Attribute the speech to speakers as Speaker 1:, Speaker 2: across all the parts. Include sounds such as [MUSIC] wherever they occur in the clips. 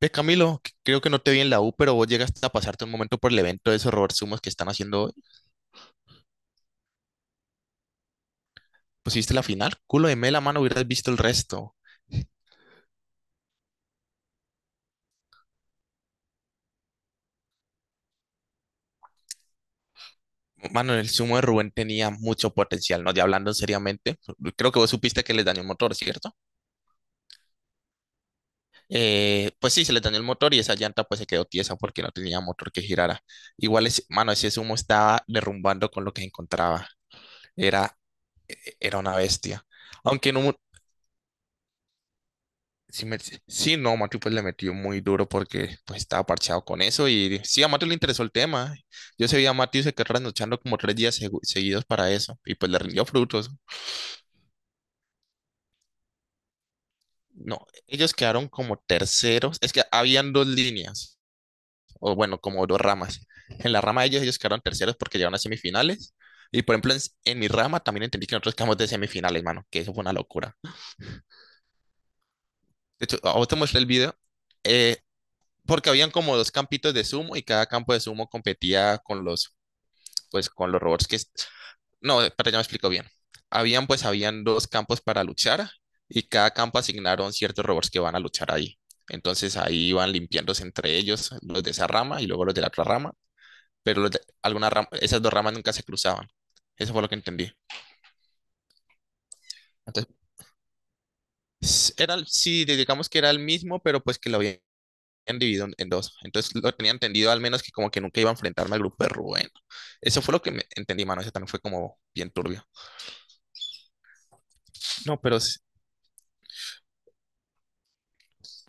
Speaker 1: Ve, Camilo, creo que no te vi en la U, pero vos llegaste a pasarte un momento por el evento de esos Robert sumos que están haciendo hoy. Pusiste la final, culo de mela, mano, hubieras visto el resto. Mano, el sumo de Rubén tenía mucho potencial, ¿no? Ya hablando seriamente, creo que vos supiste que les dañó el motor, ¿cierto? Pues sí, se les dañó el motor y esa llanta pues se quedó tiesa porque no tenía motor que girara. Igual, es, mano, ese sumo estaba derrumbando con lo que encontraba. Era, era una bestia. Aunque en un, sí, sí, no, Matthew pues le metió muy duro porque pues estaba parcheado con eso y sí, a Matthew le interesó el tema. Yo se vi a Matthew se quedó trasnochando como tres días seguidos para eso y pues le rindió frutos. No, ellos quedaron como terceros. Es que habían dos líneas, o bueno, como dos ramas. En la rama de ellos ellos quedaron terceros porque llegaron a semifinales. Y por ejemplo, en mi rama también entendí que nosotros quedamos de semifinales, mano, que eso fue una locura. De hecho, a vos te mostré el video. Eh, Porque habían como dos campitos de sumo y cada campo de sumo competía con los, pues, con los robots que... No, espera, ya me explico bien. Habían, pues, habían dos campos para luchar y cada campo asignaron ciertos robots que van a luchar ahí. Entonces ahí iban limpiándose entre ellos los de esa rama y luego los de la otra rama, pero los de- alguna rama- esas dos ramas nunca se cruzaban. Eso fue lo que entendí. Entonces, era, sí, digamos que era el mismo, pero pues que lo habían dividido en dos. Entonces lo tenía entendido al menos que como que nunca iba a enfrentarme al grupo de Rubén. Eso fue lo que me entendí, mano. Ese también fue como bien turbio. No, pero s-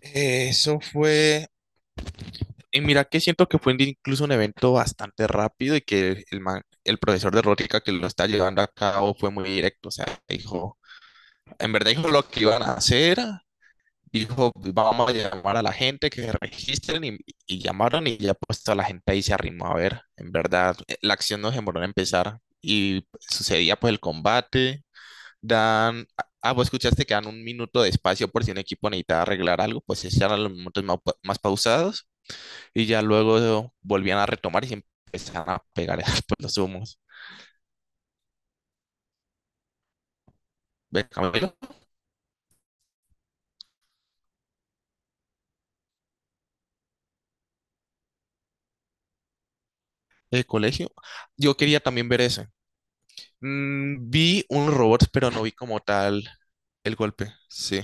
Speaker 1: eh, eso fue... Y mira que siento que fue incluso un evento bastante rápido y que el, el profesor de Rótica que lo está llevando a cabo fue muy directo. O sea, dijo, en verdad dijo lo que iban a hacer. Dijo, vamos a llamar a la gente que se registren y llamaron y ya puesto a la gente ahí se arrimó a ver. En verdad, la acción no demoró en empezar y sucedía pues el combate. Dan, vos escuchaste que dan un minuto de espacio por si un equipo necesitaba arreglar algo, pues esos eran los minutos más, más pausados y ya luego volvían a retomar y se empezaban a pegar [LAUGHS] pues, los humos. ¿Ves, Camilo? El colegio. Yo quería también ver eso. Mm, vi un robot, pero no vi como tal el golpe. Sí.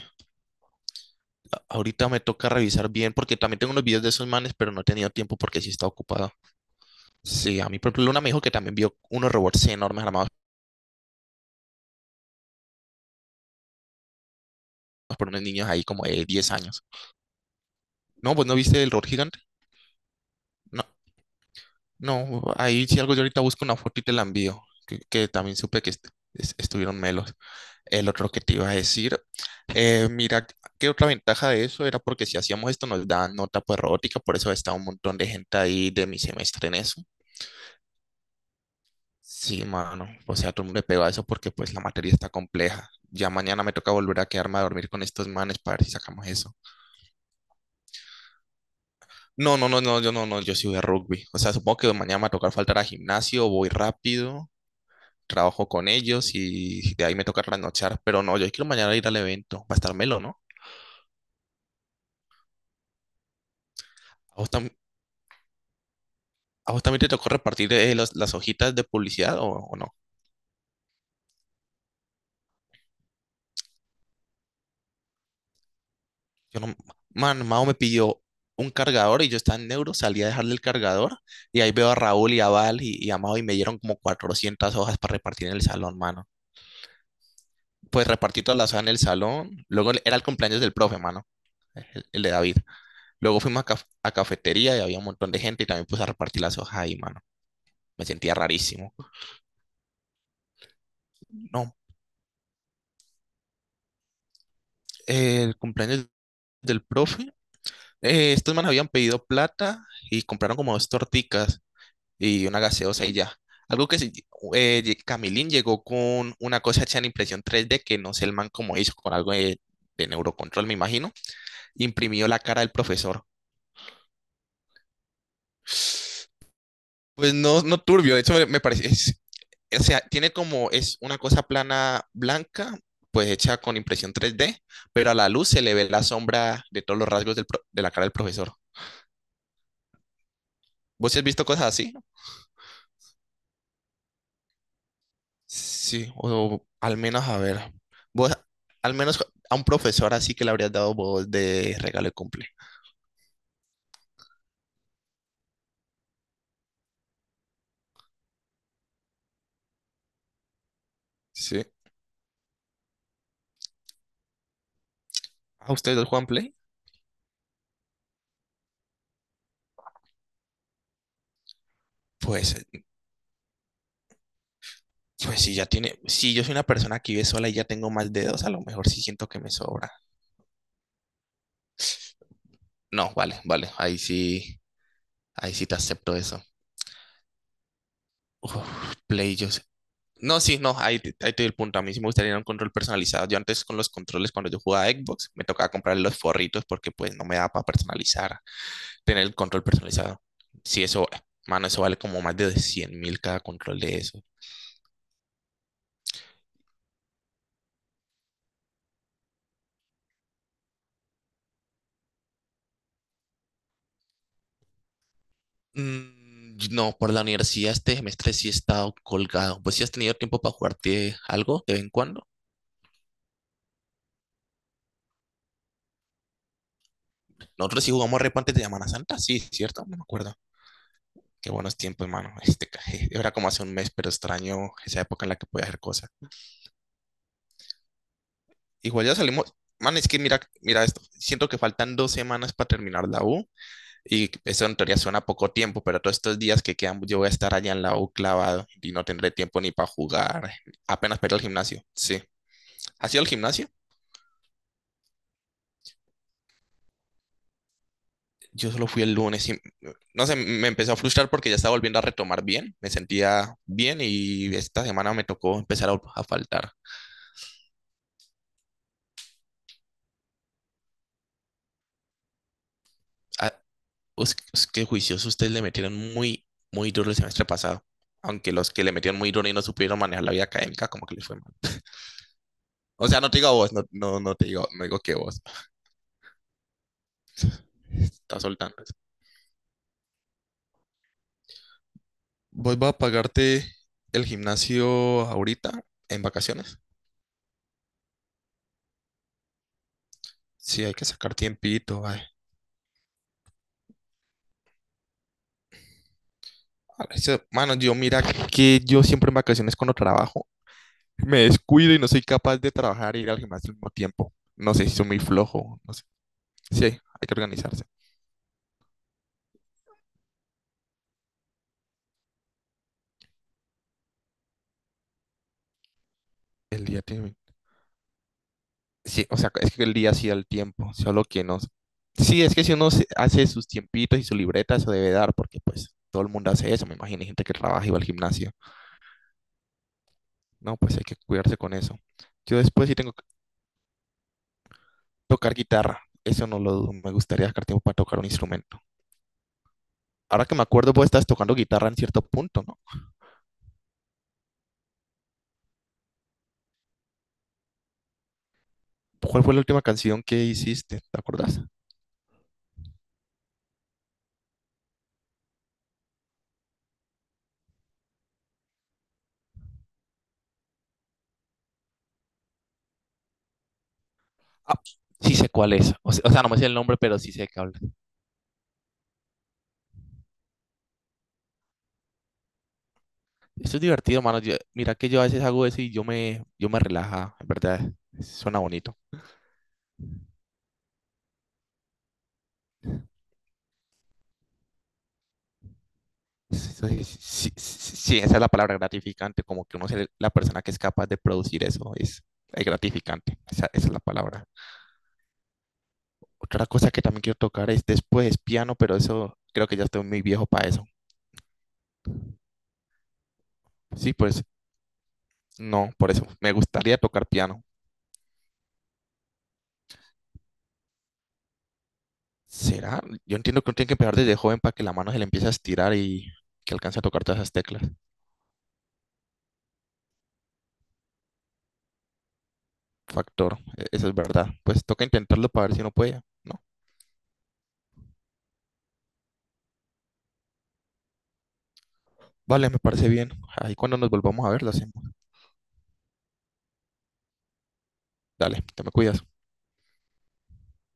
Speaker 1: Ahorita me toca revisar bien porque también tengo unos videos de esos manes, pero no he tenido tiempo porque sí está ocupado. Sí, a mí, por ejemplo, Luna me dijo que también vio unos robots enormes armados por unos niños ahí como de 10 años. No, pues no viste el robot gigante. No, no, ahí sí algo yo ahorita busco una foto y te la envío, que también supe que estuvieron melos. El otro que te iba a decir, mira, qué otra ventaja de eso era porque si hacíamos esto nos daban nota por robótica, por eso estaba un montón de gente ahí de mi semestre en eso. Sí, mano. O sea, todo el mundo le pegó a eso porque pues la materia está compleja. Ya mañana me toca volver a quedarme a dormir con estos manes para ver si sacamos eso. No, no, no, no, yo no, no, yo sí voy a rugby. O sea, supongo que mañana me va a tocar faltar a gimnasio, voy rápido, trabajo con ellos y de ahí me toca trasnochar. Pero no, yo quiero mañana ir al evento, va a estar melo, ¿no? ¿A vos, a vos también te tocó repartir las hojitas de publicidad o no? Yo no, man, Mao me pidió un cargador y yo estaba en Neuro, salí a dejarle el cargador y ahí veo a Raúl y a Val y a Mao y me dieron como 400 hojas para repartir en el salón, mano. Pues repartí todas las hojas en el salón, luego era el cumpleaños del profe, mano, el de David. Luego fuimos a, a cafetería y había un montón de gente y también puse a repartir las hojas ahí, mano. Me sentía rarísimo. No, el cumpleaños del profe, estos manos habían pedido plata y compraron como dos torticas y una gaseosa y ya. Algo que sí, Camilín llegó con una cosa hecha en impresión 3D que no sé el man cómo hizo, con algo de neurocontrol, me imagino. Imprimió la cara del profesor. Pues no, no turbio, de hecho me, me parece, o sea, tiene como, es una cosa plana blanca, pues hecha con impresión 3D, pero a la luz se le ve la sombra de todos los rasgos del de la cara del profesor. ¿Vos sí has visto cosas así? Sí, o al menos a ver. Vos, al menos a un profesor así que le habrías dado vos de regalo de cumple. Sí. ¿A ustedes dos juegan Play? Pues, pues si ya tiene, si yo soy una persona que vive sola y ya tengo más dedos, a lo mejor sí siento que me sobra. No, vale, vale, ahí sí te acepto eso. Uf, Play, no, sí, no, ahí, ahí te doy el punto. A mí sí me gustaría un control personalizado. Yo antes con los controles, cuando yo jugaba a Xbox, me tocaba comprar los forritos porque pues no me daba para personalizar tener el control personalizado. Si eso, mano, eso vale como más de 100 mil cada control de eso. Mm, no, por la universidad este semestre sí he estado colgado. Pues si has tenido tiempo para jugarte algo de vez en cuando. Nosotros sí jugamos repo antes de Semana Santa, sí, ¿cierto? No me acuerdo. Qué buenos tiempos, hermano. Este, [LAUGHS] era como hace un mes, pero extraño esa época en la que podía hacer cosas. Igual ya salimos. Man, es que mira, mira esto. Siento que faltan dos semanas para terminar la U. Y eso en teoría suena poco tiempo, pero todos estos días que quedan, yo voy a estar allá en la U clavado y no tendré tiempo ni para jugar. Apenas para ir al gimnasio. Sí. ¿Has ido al gimnasio? Yo solo fui el lunes y no sé, me empezó a frustrar porque ya estaba volviendo a retomar bien. Me sentía bien y esta semana me tocó empezar a faltar. Ah, qué juiciosos ustedes le metieron muy, muy duro el semestre pasado. Aunque los que le metieron muy duro y no supieron manejar la vida académica, como que les fue mal. O sea, no te digo a vos, no, no, no te digo, no digo que vos. Estás soltando. Voy a pagarte el gimnasio ahorita en vacaciones. Sí, hay que sacar tiempito. Ay. A veces, mano, yo mira que yo siempre en vacaciones cuando trabajo me descuido y no soy capaz de trabajar e ir al gimnasio al mismo tiempo. No sé si soy muy flojo, no sé. Sí, hay que organizarse. El día tiene... Sí, o sea, es que el día sí da el tiempo, solo que no. Sí, es que si hace sus tiempitos y su libreta, eso debe dar, porque pues todo el mundo hace eso. Me imagino hay gente que trabaja y va al gimnasio. No, pues hay que cuidarse con eso. Yo después sí tengo que tocar guitarra. Eso no lo dudo. Me gustaría sacar tiempo para tocar un instrumento. Ahora que me acuerdo, vos estás tocando guitarra en cierto punto, ¿no? ¿Cuál fue la última canción que hiciste? ¿Te acordás? Ah, sí sé cuál es. O sea, no me sé el nombre, pero sí sé que habla. Esto es divertido, mano. Mira que yo a veces hago eso y yo me relaja, en verdad. Suena bonito. Sí, sí, sí, sí, esa es la palabra gratificante, como que uno es la persona que es capaz de producir eso, es gratificante, esa es la palabra. Otra cosa que también quiero tocar es después piano, pero eso creo que ya estoy muy viejo para eso. Sí, pues no, por eso me gustaría tocar piano. ¿Será? Yo entiendo que uno tiene que empezar desde joven para que la mano se le empiece a estirar y que alcance a tocar todas esas teclas. Factor, eso es verdad. Pues toca intentarlo para ver si uno puede, ¿no? Vale, me parece bien. Ahí cuando nos volvamos a ver lo hacemos. Dale, te me cuidas.